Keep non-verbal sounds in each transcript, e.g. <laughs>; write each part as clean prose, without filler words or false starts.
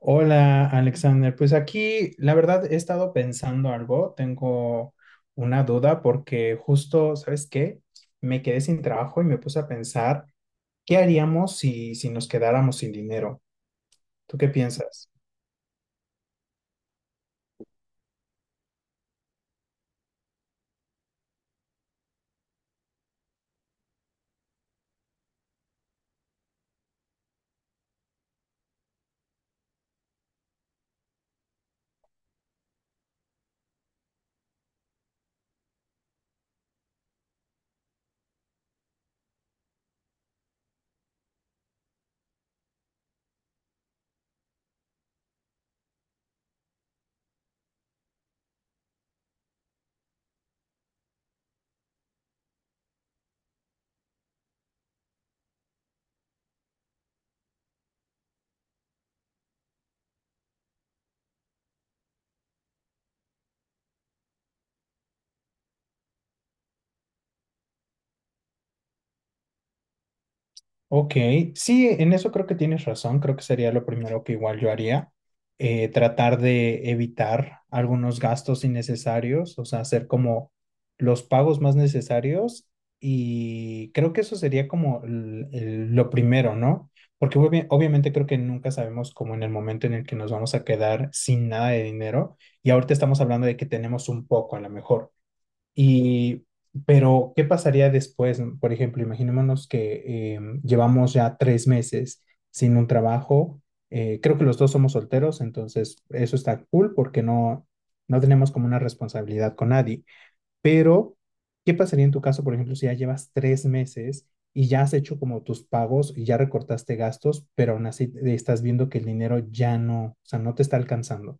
Hola, Alexander. Pues aquí, la verdad, he estado pensando algo. Tengo una duda porque justo, ¿sabes qué? Me quedé sin trabajo y me puse a pensar, ¿qué haríamos si nos quedáramos sin dinero? ¿Tú qué piensas? Ok, sí, en eso creo que tienes razón, creo que sería lo primero que igual yo haría, tratar de evitar algunos gastos innecesarios, o sea, hacer como los pagos más necesarios y creo que eso sería como lo primero, ¿no? Porque obviamente creo que nunca sabemos como en el momento en el que nos vamos a quedar sin nada de dinero y ahorita estamos hablando de que tenemos un poco a lo mejor. Y, pero, ¿qué pasaría después? Por ejemplo, imaginémonos que llevamos ya tres meses sin un trabajo. Creo que los dos somos solteros, entonces eso está cool porque no, no tenemos como una responsabilidad con nadie. Pero, ¿qué pasaría en tu caso, por ejemplo, si ya llevas tres meses y ya has hecho como tus pagos y ya recortaste gastos, pero aún así estás viendo que el dinero ya no, o sea, no te está alcanzando?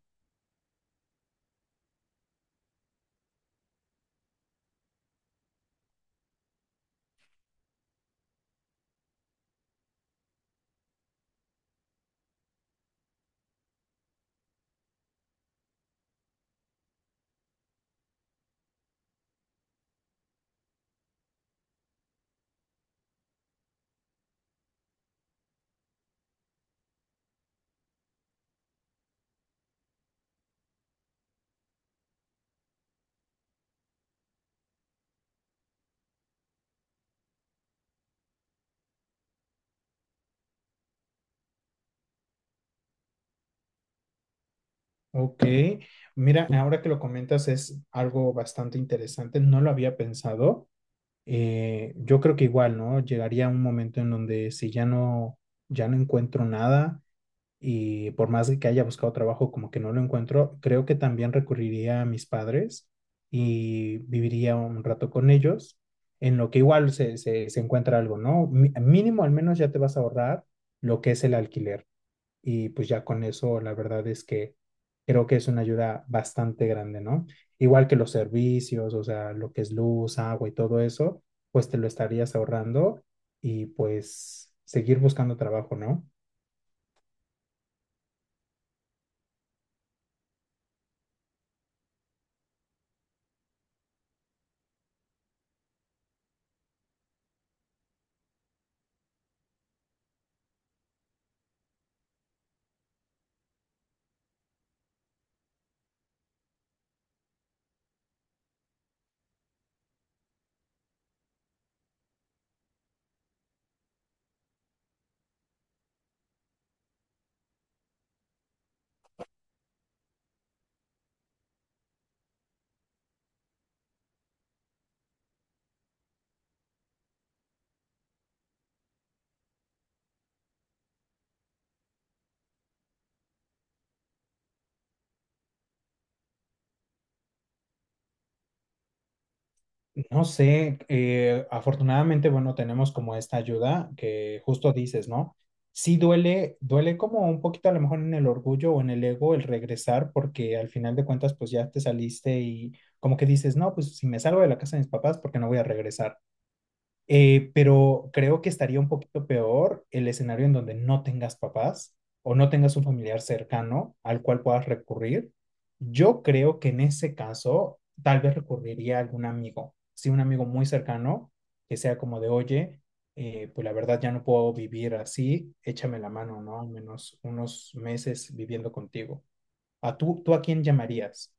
Ok, mira, ahora que lo comentas es algo bastante interesante, no lo había pensado. Yo creo que igual, ¿no? Llegaría un momento en donde ya no encuentro nada y por más de que haya buscado trabajo, como que no lo encuentro, creo que también recurriría a mis padres y viviría un rato con ellos, en lo que igual se encuentra algo, ¿no? Mínimo al menos ya te vas a ahorrar lo que es el alquiler y pues ya con eso la verdad es que creo que es una ayuda bastante grande, ¿no? Igual que los servicios, o sea, lo que es luz, agua y todo eso, pues te lo estarías ahorrando y pues seguir buscando trabajo, ¿no? No sé, afortunadamente, bueno, tenemos como esta ayuda que justo dices, ¿no? Sí duele, duele como un poquito a lo mejor en el orgullo o en el ego el regresar porque al final de cuentas pues ya te saliste y como que dices, no, pues si me salgo de la casa de mis papás, ¿por qué no voy a regresar? Pero creo que estaría un poquito peor el escenario en donde no tengas papás o no tengas un familiar cercano al cual puedas recurrir. Yo creo que en ese caso tal vez recurriría a algún amigo, sí, un amigo muy cercano que sea como de, oye, pues la verdad ya no puedo vivir así, échame la mano, ¿no? Al menos unos meses viviendo contigo. Tú a quién llamarías?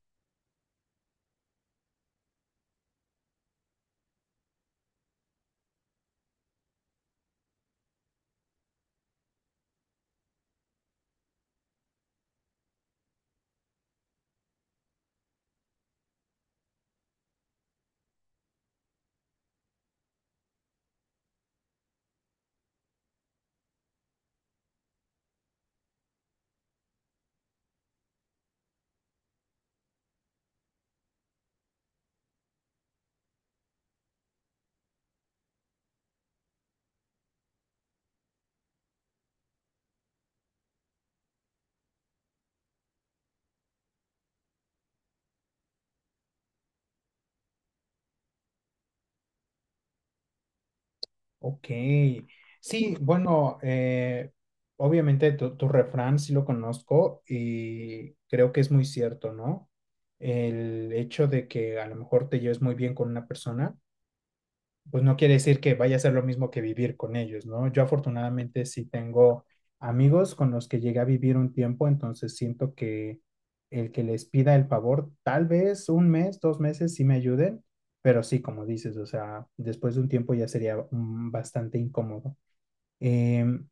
Ok, sí, bueno, obviamente tu refrán sí lo conozco y creo que es muy cierto, ¿no? El hecho de que a lo mejor te lleves muy bien con una persona pues no quiere decir que vaya a ser lo mismo que vivir con ellos, ¿no? Yo afortunadamente sí tengo amigos con los que llegué a vivir un tiempo, entonces siento que el que les pida el favor, tal vez un mes, dos meses sí me ayuden, pero sí, como dices, o sea, después de un tiempo ya sería bastante incómodo. Em,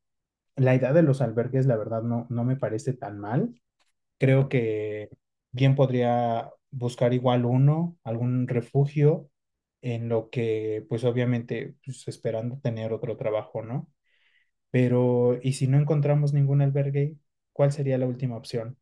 la idea de los albergues, la verdad, no, no me parece tan mal. Creo que bien podría buscar igual uno, algún refugio, en lo que, pues obviamente, pues esperando tener otro trabajo, ¿no? Pero, ¿y si no encontramos ningún albergue, cuál sería la última opción?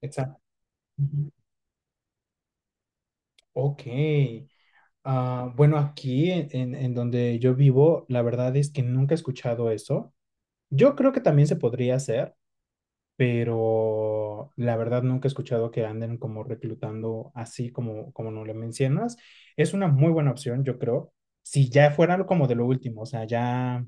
Exacto. Ujú. Ok. Ah, bueno, aquí en donde yo vivo, la verdad es que nunca he escuchado eso. Yo creo que también se podría hacer, pero la verdad nunca he escuchado que anden como reclutando así como, como no le mencionas. Es una muy buena opción, yo creo. Si ya fuera algo como de lo último, o sea, ya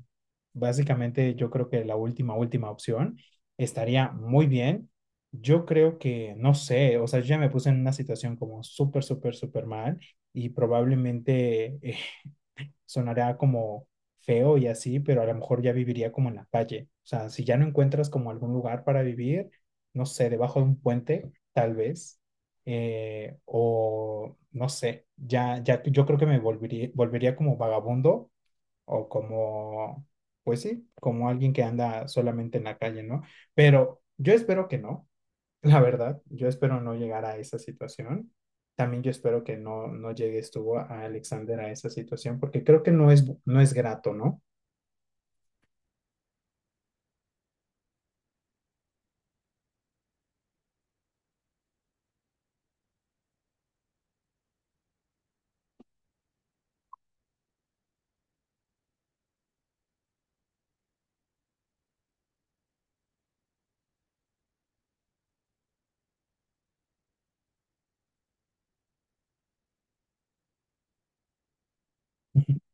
básicamente yo creo que la última, última opción estaría muy bien. Yo creo que, no sé, o sea, yo ya me puse en una situación como súper, súper, súper mal y probablemente <laughs> sonará como feo y así, pero a lo mejor ya viviría como en la calle. O sea, si ya no encuentras como algún lugar para vivir, no sé, debajo de un puente, tal vez, o no sé, ya yo creo que me volvería, volvería como vagabundo o como, pues sí, como alguien que anda solamente en la calle, ¿no? Pero yo espero que no. La verdad, yo espero no llegar a esa situación. También yo espero que no, no llegues tú a Alexander a esa situación, porque creo que no es, no es grato, ¿no? <laughs>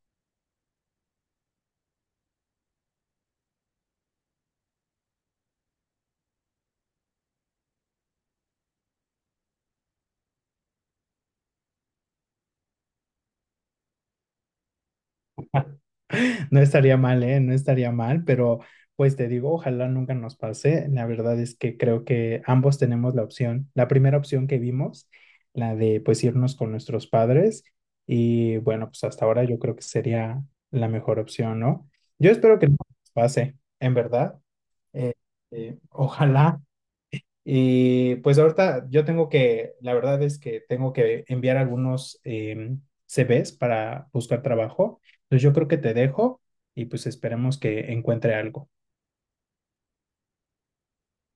No estaría mal, ¿eh? No estaría mal, pero pues te digo, ojalá nunca nos pase. La verdad es que creo que ambos tenemos la opción, la primera opción que vimos, la de pues irnos con nuestros padres y bueno, pues hasta ahora yo creo que sería la mejor opción, ¿no? Yo espero que no nos pase, en verdad. Eh, ojalá. Y pues ahorita yo tengo que, la verdad es que tengo que enviar algunos CVs para buscar trabajo. Entonces yo creo que te dejo y pues esperemos que encuentre algo.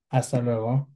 Hasta luego.